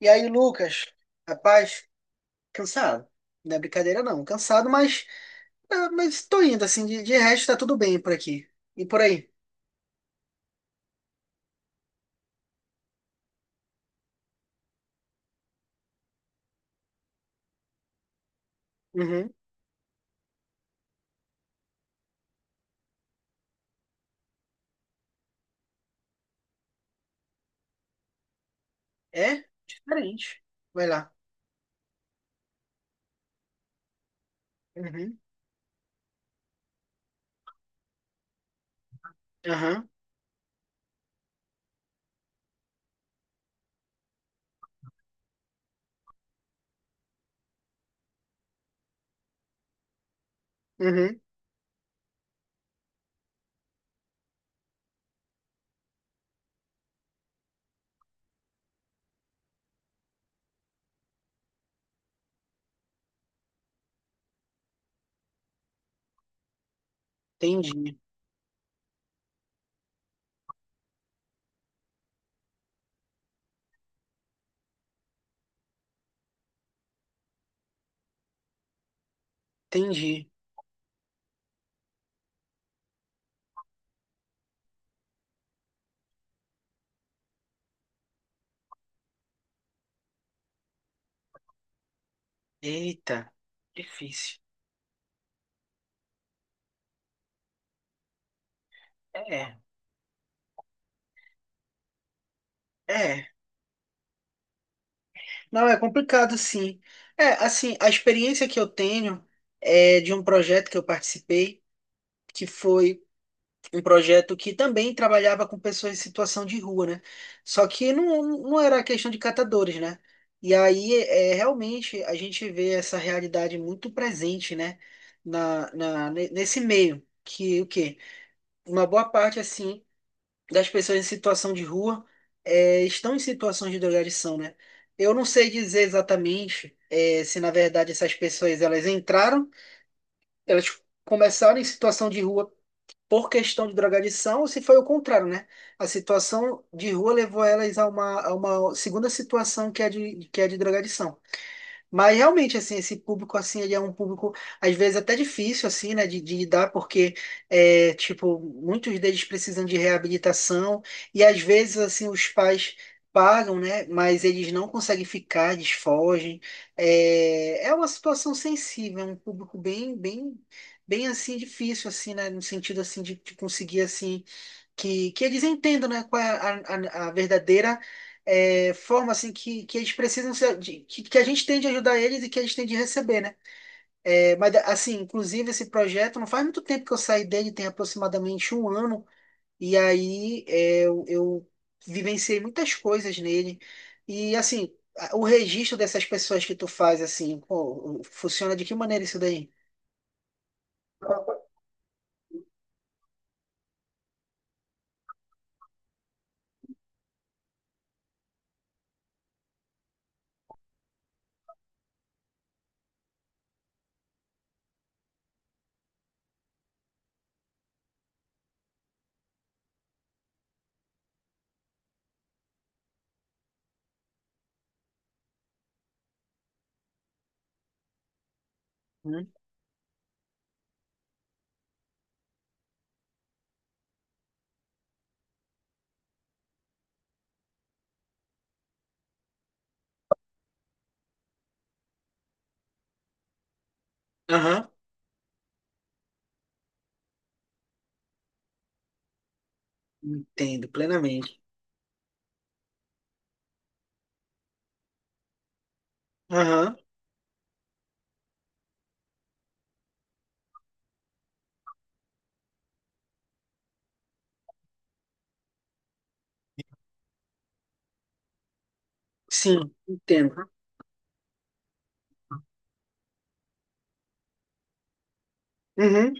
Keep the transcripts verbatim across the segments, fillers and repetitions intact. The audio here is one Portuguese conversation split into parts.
E aí, Lucas, rapaz, cansado. Não é brincadeira, não. Cansado, mas, ah, mas tô indo, assim. De, de resto, tá tudo bem por aqui. E por aí? Uhum. É? Diferente. Vai lá. Uhum. Aham. Uhum. Entendi. Entendi. Eita. Difícil. É. É. Não, é complicado, sim. É, assim, a experiência que eu tenho é de um projeto que eu participei, que foi. Um projeto que também trabalhava com pessoas em situação de rua, né? Só que não, não era questão de catadores, né? E aí, é, realmente, a gente vê essa realidade muito presente, né? Na, na, ne- nesse meio, que o quê? Uma boa parte, assim, das pessoas em situação de rua é, estão em situações de drogadição, né? Eu não sei dizer exatamente é, se, na verdade, essas pessoas, elas entraram, elas começaram em situação de rua por questão de drogadição ou se foi o contrário, né? A situação de rua levou elas a uma, a uma segunda situação que é de, que é de drogadição. Mas realmente, assim, esse público, assim, ele é um público, às vezes, até difícil, assim, né, de, de lidar, porque, é, tipo, muitos deles precisam de reabilitação e, às vezes, assim, os pais pagam, né, mas eles não conseguem ficar, eles fogem. É, é uma situação sensível, é um público bem, bem, bem, assim, difícil, assim, né, no sentido, assim, de, de conseguir, assim, que, que eles entendam, né, qual é a, a, a verdadeira é, forma assim que, que eles precisam ser- de, que, que a gente tem de ajudar eles e que eles têm de receber, né? É, mas assim, inclusive esse projeto não faz muito tempo que eu saí dele, tem aproximadamente um ano, e aí é, eu, eu vivenciei muitas coisas nele e assim a- o registro dessas pessoas que tu faz assim, pô, funciona de que maneira isso daí? Hum. Aham, entendo plenamente. Aham, sim, entendo. Uhum,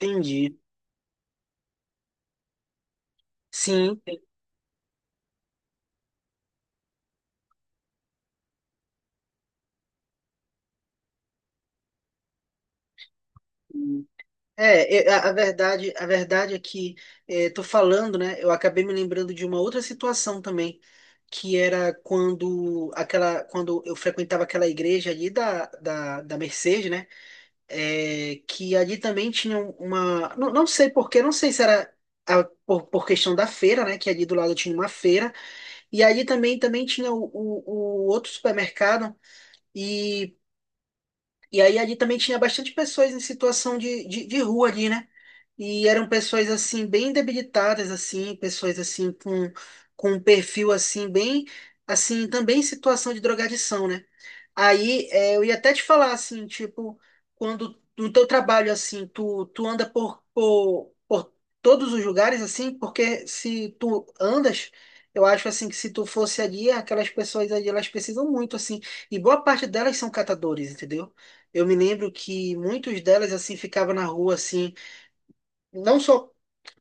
entendi. Sim. É, é, a a verdade, a verdade é que é, tô falando, né? Eu acabei me lembrando de uma outra situação também, que era quando aquela, quando eu frequentava aquela igreja ali da, da, da Mercedes, né? É, que ali também tinha uma, não, não sei por quê, não sei se era a- por, por questão da feira, né? Que ali do lado tinha uma feira e ali também também tinha o, o, o outro supermercado e E aí ali também tinha bastante pessoas em situação de, de, de rua ali, né? E eram pessoas assim bem debilitadas assim, pessoas assim com com um perfil assim bem assim também em situação de drogadição, né? Aí é, eu ia até te falar assim, tipo, quando no teu trabalho assim, tu tu anda por, por por todos os lugares assim, porque se tu andas. Eu acho assim que se tu fosse ali, aquelas pessoas ali, elas precisam muito assim, e boa parte delas são catadores, entendeu? Eu me lembro que muitos delas assim ficavam na rua assim, não só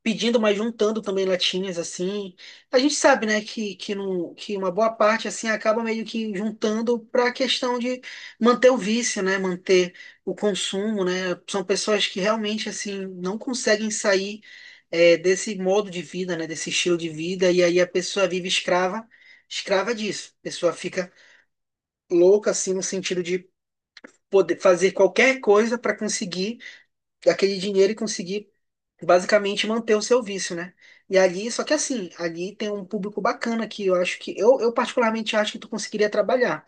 pedindo, mas juntando também latinhas assim. A gente sabe, né, que, que, não, que uma boa parte assim acaba meio que juntando para a questão de manter o vício, né, manter o consumo, né? São pessoas que realmente assim não conseguem sair é, desse modo de vida, né, desse estilo de vida e aí a pessoa vive escrava, escrava disso. A pessoa fica louca assim no sentido de poder fazer qualquer coisa para conseguir aquele dinheiro e conseguir basicamente manter o seu vício, né? E ali, só que assim, ali tem um público bacana que eu acho que eu, eu particularmente acho que tu conseguiria trabalhar.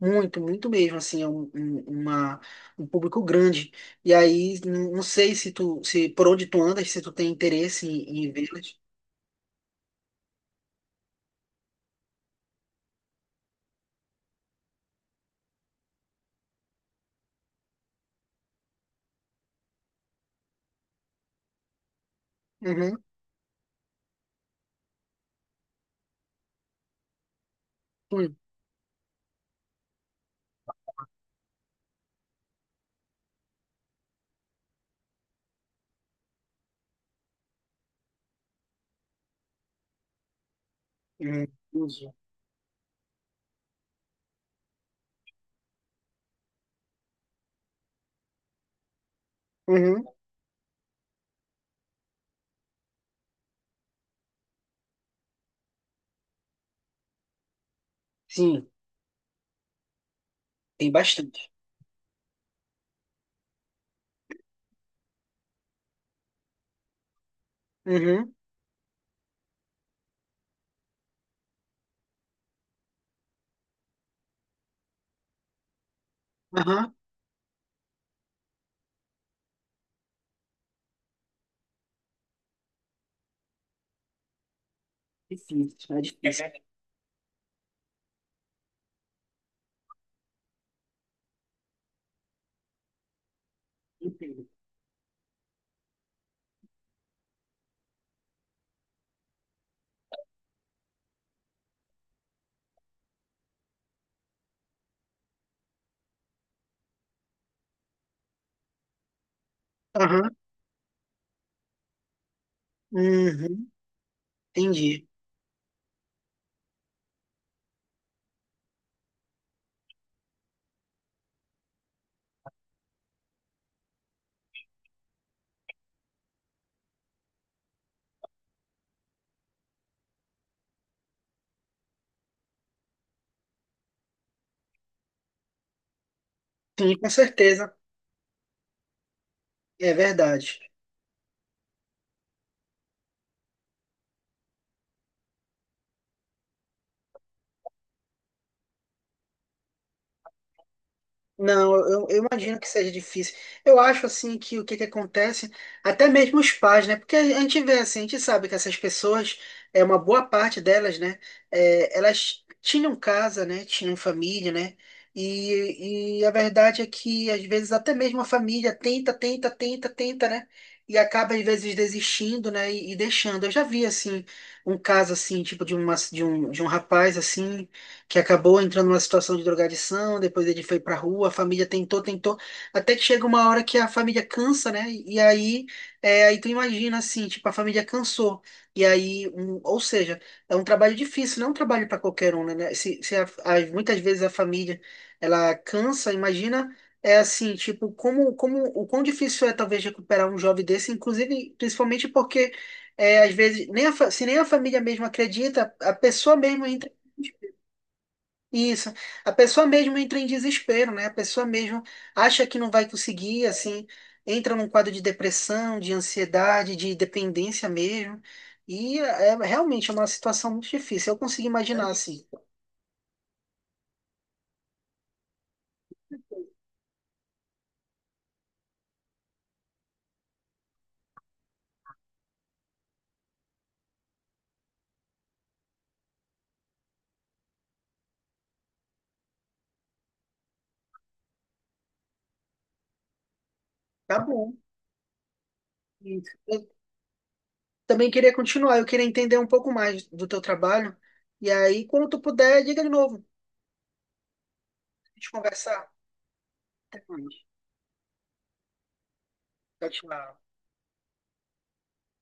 Muito, muito mesmo, assim, é um, um- uma, um público grande. E aí, n- não sei se tu, se por onde tu andas, se tu tem interesse em, em vê-las. Uhum. Sim. Uhum. Entendi. Uhum. Sim, tem bastante. Uhum. Aham. Difícil, é difícil. Entendo. Aham. Uhum. Entendi. Sim, com certeza. É verdade. Não, eu, eu imagino que seja difícil. Eu acho assim que o que que acontece, até mesmo os pais, né? Porque a gente vê assim, a gente sabe que essas pessoas, é uma boa parte delas, né? É, elas tinham casa, né? Tinham família, né? E, e a verdade é que às vezes até mesmo a família tenta, tenta, tenta, tenta, né? E acaba às vezes desistindo, né? E, e deixando. Eu já vi assim um caso assim, tipo de uma, de um, de um rapaz assim que acabou entrando numa situação de drogadição, depois ele foi pra rua, a família tentou, tentou, até que chega uma hora que a família cansa, né? E aí, é, aí tu imagina assim, tipo, a família cansou. E aí, um, ou seja, é um trabalho difícil, não é um trabalho para qualquer um, né? Né? Se, se a- a- Muitas vezes a família ela cansa, imagina é assim, tipo, como, como o quão difícil é talvez recuperar um jovem desse, inclusive, principalmente porque é, às vezes nem a fa- se nem a família mesmo acredita, a pessoa mesmo entra. Isso. A pessoa mesmo entra em desespero, né? A pessoa mesmo acha que não vai conseguir, assim, entra num quadro de depressão, de ansiedade, de dependência mesmo. E é é, realmente é uma situação muito difícil. Eu consigo imaginar assim. Tá bom. Isso. Eu também queria continuar, eu queria entender um pouco mais do teu trabalho. E aí, quando tu puder, diga de novo. A gente conversar. Até mais. Tchau, tchau.